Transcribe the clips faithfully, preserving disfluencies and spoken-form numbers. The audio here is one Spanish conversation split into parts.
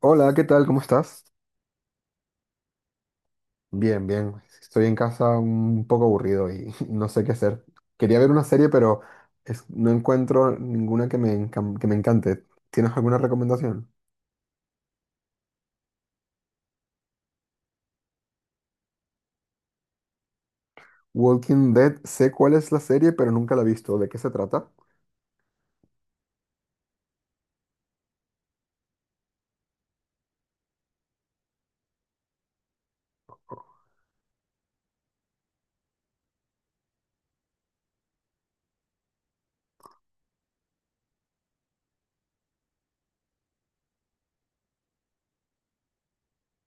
Hola, ¿qué tal? ¿Cómo estás? Bien, bien. Estoy en casa un poco aburrido y no sé qué hacer. Quería ver una serie, pero es- no encuentro ninguna que me, encam- que me encante. ¿Tienes alguna recomendación? Walking Dead, sé cuál es la serie, pero nunca la he visto. ¿De qué se trata?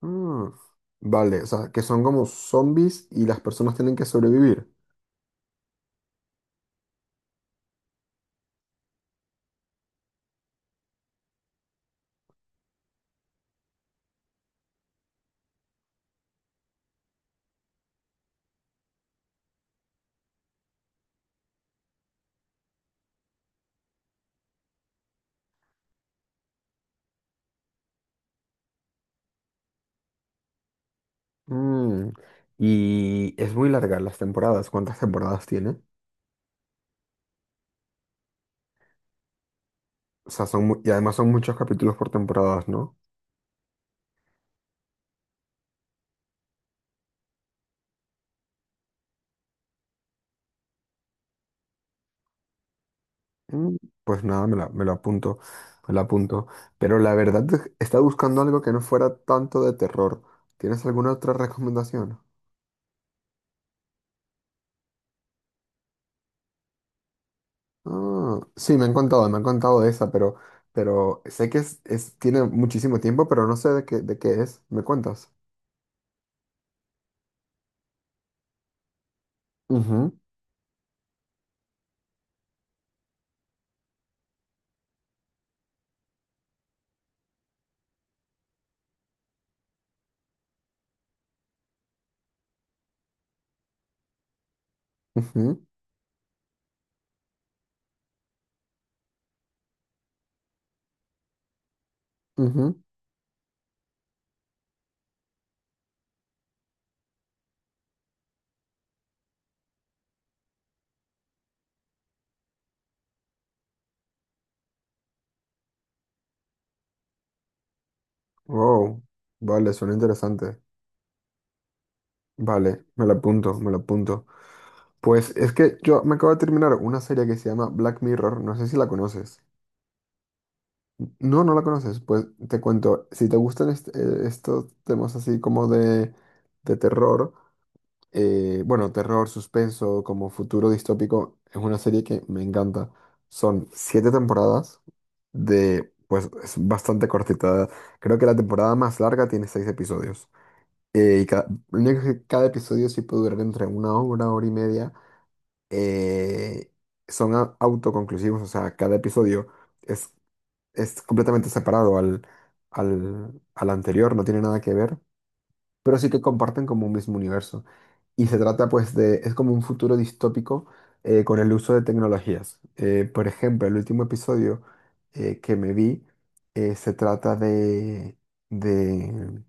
Mm, Vale, o sea, que son como zombies y las personas tienen que sobrevivir. Mm, Y es muy larga las temporadas. ¿Cuántas temporadas tiene? O sea, son mu- y además son muchos capítulos por temporadas, ¿no? Mm, Pues nada, me la, me lo apunto, me lo apunto. Pero la verdad es estaba buscando algo que no fuera tanto de terror. ¿Tienes alguna otra recomendación? Ah, sí, me han contado, me han contado de esa, pero, pero sé que es, es- tiene muchísimo tiempo, pero no sé de qué, de qué es. ¿Me cuentas? Ujú, ujú, ujú. Wow, vale, suena interesante. Vale, me lo apunto, me lo apunto. Pues es que yo me acabo de terminar una serie que se llama Black Mirror, no sé si la conoces. No, no la conoces. Pues te cuento, si te gustan est- eh, estos temas así como de, de, terror, eh, bueno, terror, suspenso, como futuro distópico, es una serie que me encanta. Son siete temporadas de, pues es bastante cortita. Creo que la temporada más larga tiene seis episodios. Eh, y cada, lo único que cada episodio sí puede durar entre una hora, hora y media. Eh, Son a- autoconclusivos, o sea, cada episodio... es es completamente separado al, al, al, anterior, no tiene nada que ver, pero sí que comparten como un mismo universo. Y se trata pues de, es como un futuro distópico eh, con el uso de tecnologías. Eh, por ejemplo, el último episodio eh, que me vi eh, se trata de, de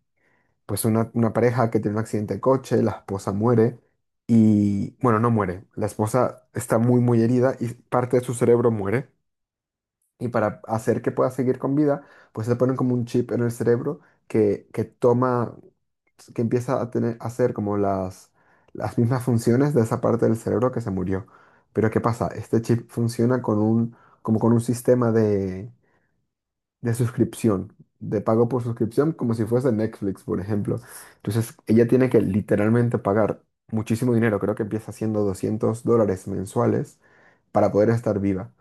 pues una, una pareja que tiene un accidente de coche, la esposa muere y, bueno, no muere, la esposa está muy muy herida y parte de su cerebro muere. Y para hacer que pueda seguir con vida, pues se ponen como un chip en el cerebro que, que toma, que empieza a tener, a hacer como las, las mismas funciones de esa parte del cerebro que se murió. Pero ¿qué pasa? Este chip funciona con un, como con un sistema de, de suscripción, de pago por suscripción, como si fuese Netflix, por ejemplo. Entonces, ella tiene que literalmente pagar muchísimo dinero, creo que empieza siendo doscientos dólares mensuales para poder estar viva.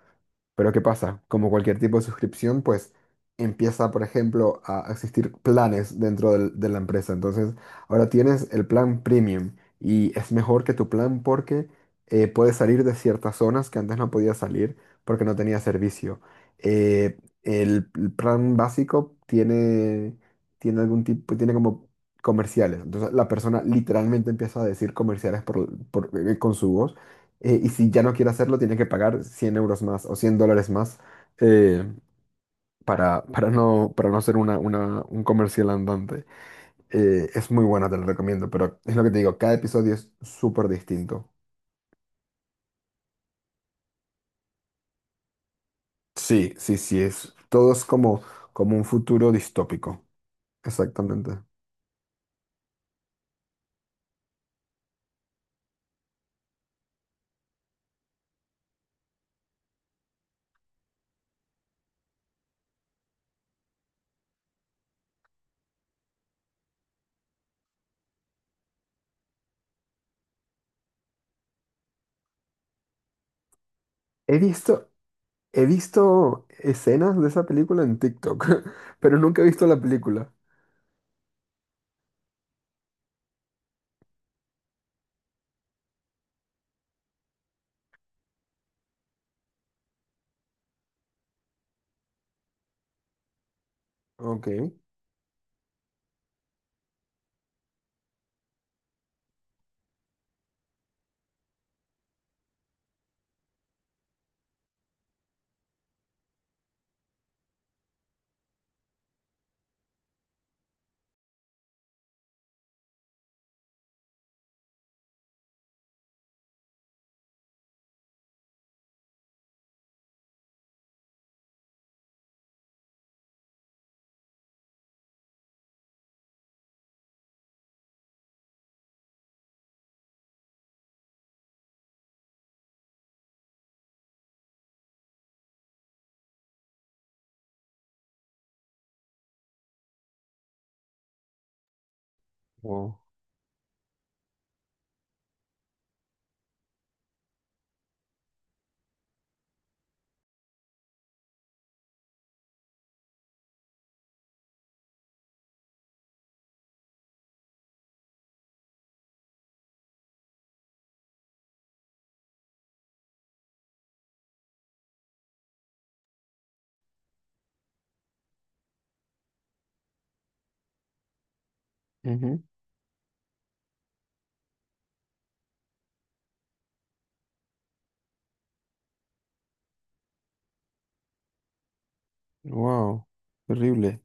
Pero ¿qué pasa? Como cualquier tipo de suscripción, pues empieza, por ejemplo, a existir planes dentro del- de la empresa. Entonces, ahora tienes el plan premium y es mejor que tu plan porque eh, puedes salir de ciertas zonas que antes no podías salir porque no tenía servicio. Eh, el el plan básico tiene, tiene algún tipo, tiene como comerciales. Entonces, la persona literalmente empieza a decir comerciales por, por, eh, con su voz eh, y si ya no quiere hacerlo, tiene que pagar cien euros más o cien dólares más eh, para, para no, para no ser una, una- un comercial andante. Eh, es muy buena, te lo recomiendo, pero es lo que te digo, cada episodio es súper distinto. Sí, sí, sí, es, todo es como, como un futuro distópico. Exactamente. He visto, he visto escenas de esa película en TikTok, pero nunca he visto la película. Ok. Wow. Ujú. Wow. Terrible.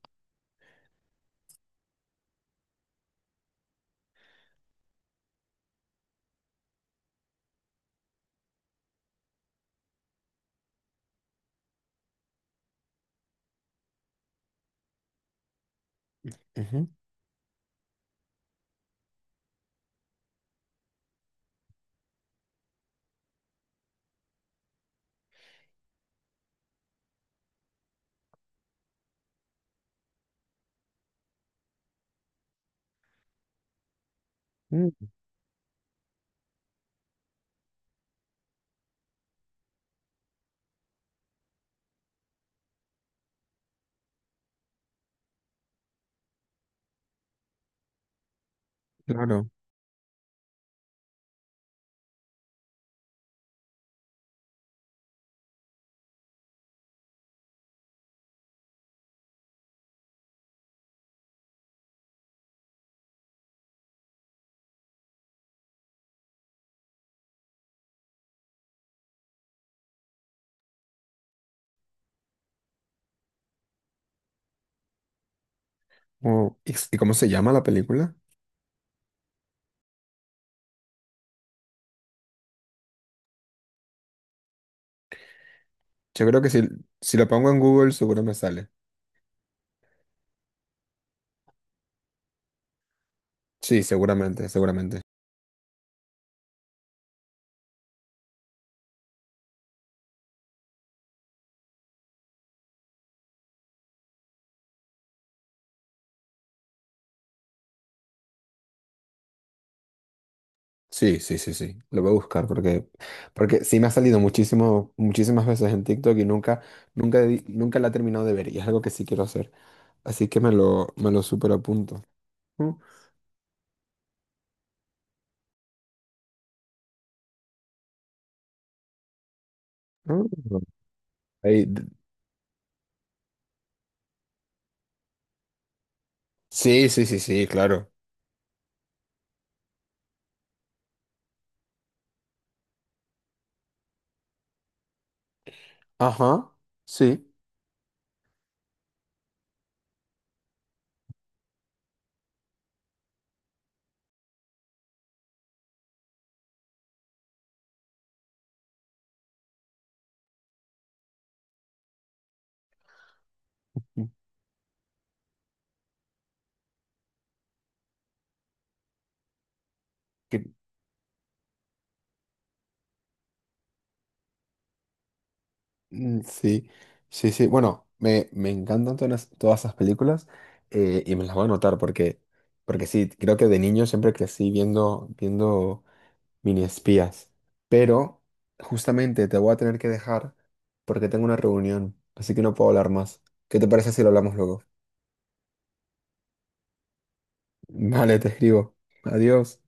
Ujú. Mm, claro. Oh, ¿y y cómo se llama la película? Yo creo que si, si lo pongo en Google seguro me sale. Sí, seguramente, seguramente. Sí, sí, sí, sí. Lo voy a buscar porque, porque sí me ha salido muchísimo, muchísimas veces en TikTok y nunca, nunca, di- nunca la he terminado de ver y es algo que sí quiero hacer. Así que me lo, me lo super apunto. Mm, mm. Ahí, d- Sí, sí, sí, sí, claro. Ajá, sí. Mm, sí, sí, sí. Bueno, me, me encantan todas, todas esas películas eh, y me las voy a anotar porque, porque sí, creo que de niño siempre crecí viendo, viendo mini espías. Pero justamente te voy a tener que dejar porque tengo una reunión, así que no puedo hablar más. ¿Qué te parece si lo hablamos luego? Vale, te escribo. Adiós.